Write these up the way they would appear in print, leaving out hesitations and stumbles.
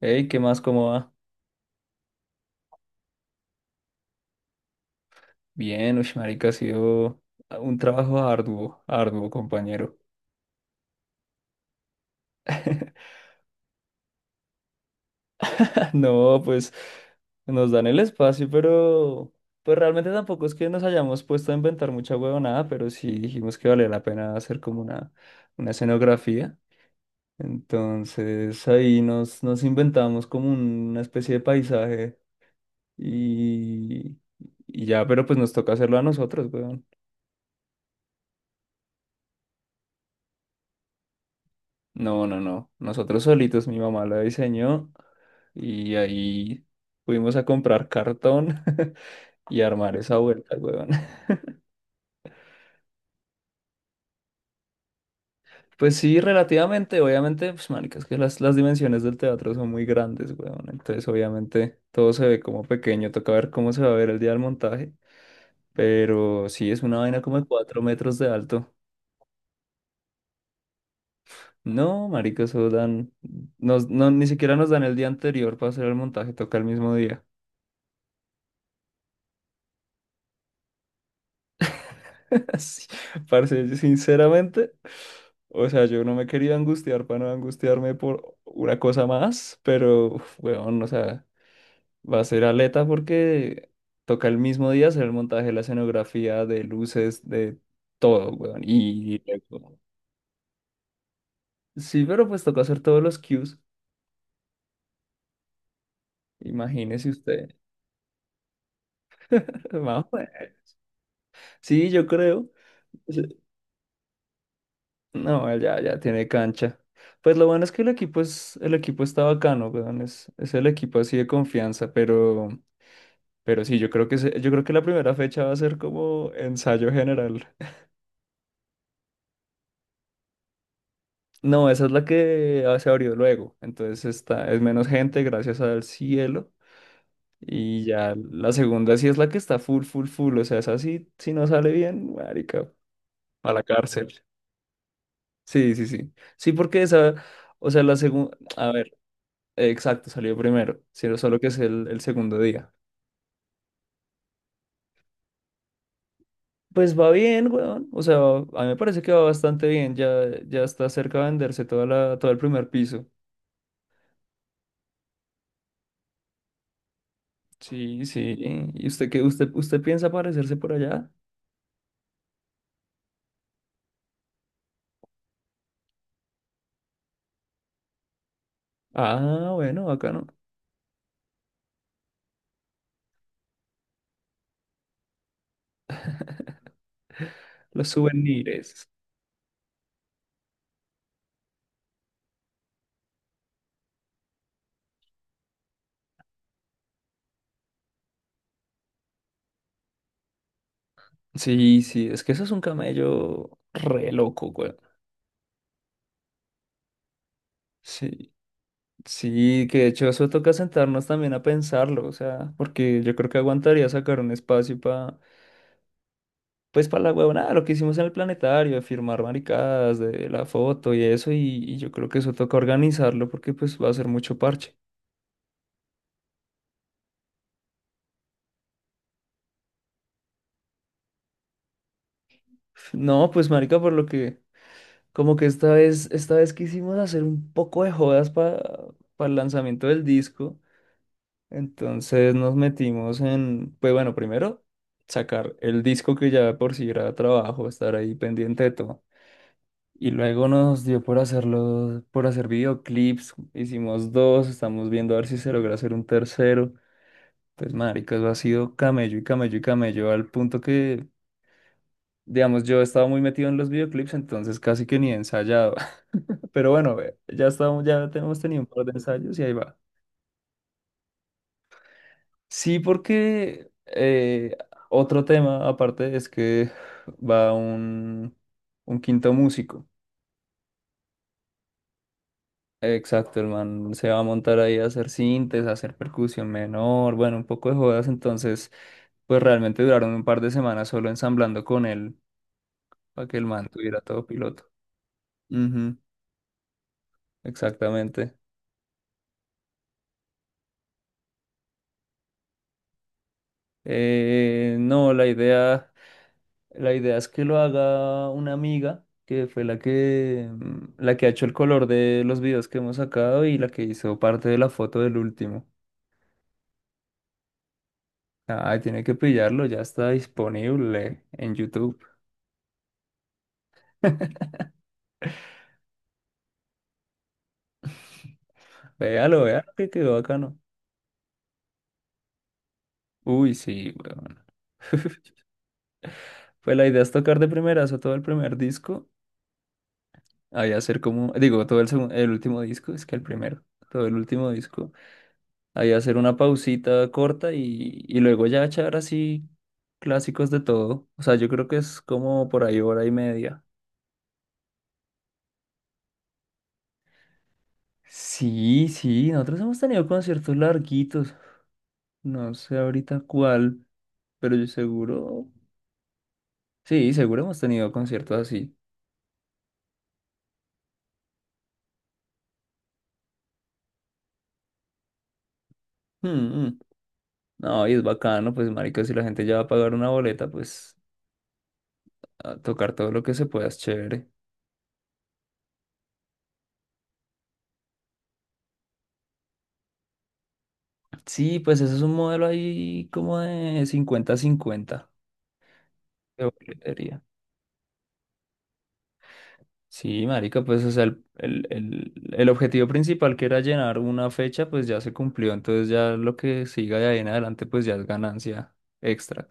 Hey, ¿qué más? ¿Cómo va? Bien, marica, ha sido un trabajo arduo, arduo, compañero. No, pues nos dan el espacio, pero pues realmente tampoco es que nos hayamos puesto a inventar mucha huevonada, pero sí dijimos que valía la pena hacer como una escenografía. Entonces ahí nos inventamos como una especie de paisaje y, y ya, pero pues nos toca hacerlo a nosotros, weón. No, no, no. Nosotros solitos, mi mamá la diseñó. Y ahí fuimos a comprar cartón y armar esa vuelta, weón. Pues sí, relativamente, obviamente, pues marica, es que las dimensiones del teatro son muy grandes, weón. Entonces, obviamente, todo se ve como pequeño, toca ver cómo se va a ver el día del montaje. Pero sí, es una vaina como de 4 metros de alto. No, marica, eso dan, nos, no, ni siquiera nos dan el día anterior para hacer el montaje, toca el mismo día. Así, parce, yo sinceramente, o sea, yo no me quería angustiar para no angustiarme por una cosa más, pero, uf, weón, o sea, va a ser aleta porque toca el mismo día hacer el montaje, la escenografía, de luces, de todo, weón. Y luego- sí, pero pues toca hacer todos los cues, imagínese usted. Vamos, pues. Sí, yo creo. No, él ya tiene cancha. Pues lo bueno es que el el equipo está bacano, weón. Es el equipo así de confianza, pero sí, yo creo yo creo que la primera fecha va a ser como ensayo general. No, esa es la que ah, se abrió luego. Entonces está, es menos gente, gracias al cielo. Y ya la segunda sí es la que está full, full, full. O sea, esa sí, si no sale bien, marica, a la cárcel. Sí, sí, sí. Sí, porque esa, o sea, la segunda. A ver, exacto, salió primero, sino solo que es el segundo día. Pues va bien, weón. O sea, a mí me parece que va bastante bien. Ya, ya está cerca de venderse todo el primer piso. Sí, sí. ¿Y usted qué? ¿Usted, piensa aparecerse por allá? Ah, bueno, acá no. Los souvenirs. Sí, sí, es que eso es un camello re loco, weón. Sí, sí, que de hecho eso toca sentarnos también a pensarlo, o sea, porque yo creo que aguantaría sacar un espacio para pues para la huevonada, lo que hicimos en el planetario, de firmar maricadas, de la foto y eso, y yo creo que eso toca organizarlo porque pues va a ser mucho parche. No, pues marica, como que esta vez quisimos hacer un poco de jodas para el lanzamiento del disco, entonces nos metimos en, pues bueno, primero sacar el disco que ya de por si era trabajo, estar ahí pendiente de todo. Y luego nos dio por hacer videoclips. Hicimos dos, estamos viendo a ver si se logra hacer un tercero. Pues, marica, eso ha sido camello y camello y camello, al punto que, digamos, yo estaba muy metido en los videoclips, entonces casi que ni he ensayado. Pero bueno, ya estamos, ya tenemos tenido un par de ensayos y ahí va. Sí, porque otro tema aparte es que va un quinto músico. Exacto, el man se va a montar ahí a hacer sintes, a hacer percusión menor, bueno, un poco de jodas, entonces pues realmente duraron un par de semanas solo ensamblando con él para que el man tuviera todo piloto. Ujú, exactamente. No, la idea es que lo haga una amiga que fue la que, la que ha hecho el color de los videos que hemos sacado y la que hizo parte de la foto del último. Ay, tiene que pillarlo, ya está disponible en YouTube. Véalo, véalo, que quedó bacano. Uy, sí, weón. Pues la idea es tocar de primerazo todo el primer disco. Ahí hacer como, digo, el último disco, es que el primero, todo el último disco. Ahí hacer una pausita corta y luego ya echar así clásicos de todo. O sea, yo creo que es como por ahí hora y media. Sí, sí, nosotros hemos tenido conciertos larguitos. No sé ahorita cuál, pero yo seguro. Sí, seguro hemos tenido conciertos así. Mm, mm. No, y es bacano, pues, marica, si la gente ya va a pagar una boleta, pues, a tocar todo lo que se pueda es chévere. Sí, pues, ese es un modelo ahí como de cincuenta cincuenta de boletería. Sí, marica, pues, o sea, el objetivo principal que era llenar una fecha, pues, ya se cumplió. Entonces, ya lo que siga de ahí en adelante, pues, ya es ganancia extra.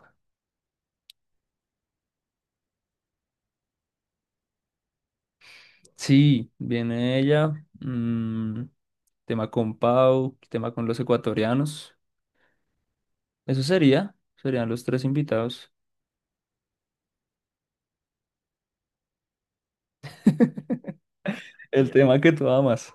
Sí, viene ella, mm, tema con Pau, tema con los ecuatorianos. Eso serían los tres invitados. El tema que tú amas.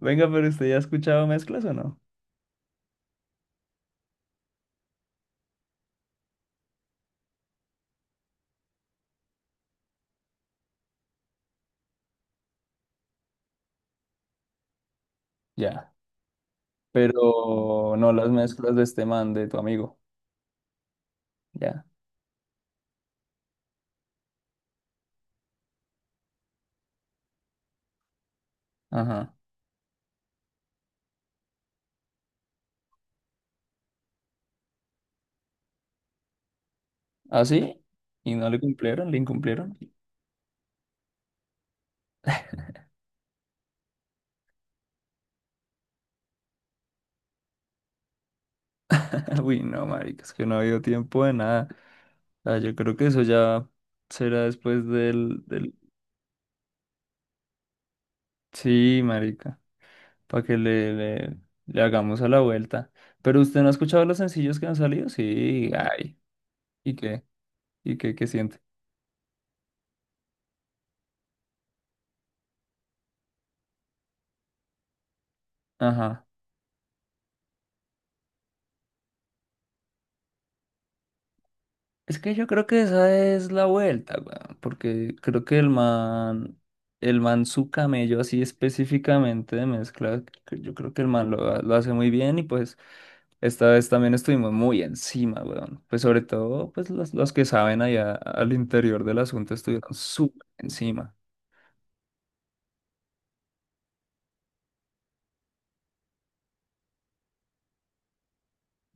Venga, pero ¿usted ya ha escuchado mezclas o no? Ya. Pero no las mezclas de este man, de tu amigo. Ya. Ajá. Así, ¿y no le cumplieron? ¿Le incumplieron? Uy, no, marica, es que no ha habido tiempo de nada. O sea, yo creo que eso ya será después del... Sí, marica, para que le hagamos a la vuelta. Pero usted no ha escuchado los sencillos que han salido, sí, ay, ¿y qué? ¿Y qué, qué siente? Ajá. Es que yo creo que esa es la vuelta, weón, porque creo que el man su camello así específicamente de mezcla, que yo creo que el lo hace muy bien y pues esta vez también estuvimos muy encima, weón. Pues sobre todo, pues los que saben allá al interior del asunto estuvieron súper encima.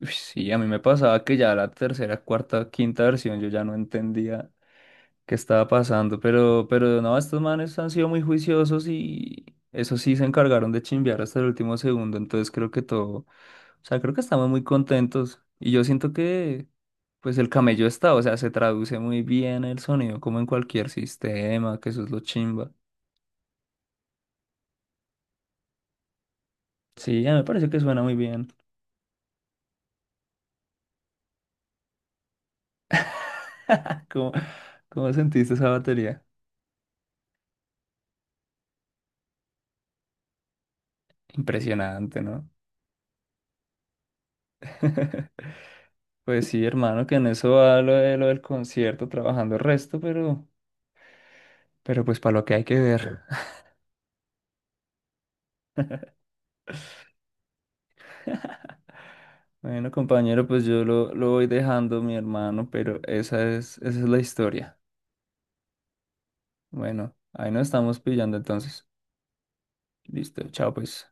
Uy, sí, a mí me pasaba que ya la tercera, cuarta, quinta versión yo ya no entendía que estaba pasando, pero no, estos manes han sido muy juiciosos y eso sí se encargaron de chimbear hasta el último segundo, entonces creo que todo, o sea, creo que estamos muy contentos y yo siento que pues el camello está, o sea, se traduce muy bien el sonido como en cualquier sistema, que eso es lo chimba. Sí, a mí me parece que suena muy bien. ¿Cómo, sentiste esa batería? Impresionante, ¿no? Pues sí, hermano, que en eso va lo del concierto, trabajando el resto, pero... Pero pues para lo que hay que ver. Bueno, compañero, pues yo lo voy dejando, mi hermano, pero esa esa es la historia. Bueno, ahí nos estamos pillando entonces. Listo, chao pues.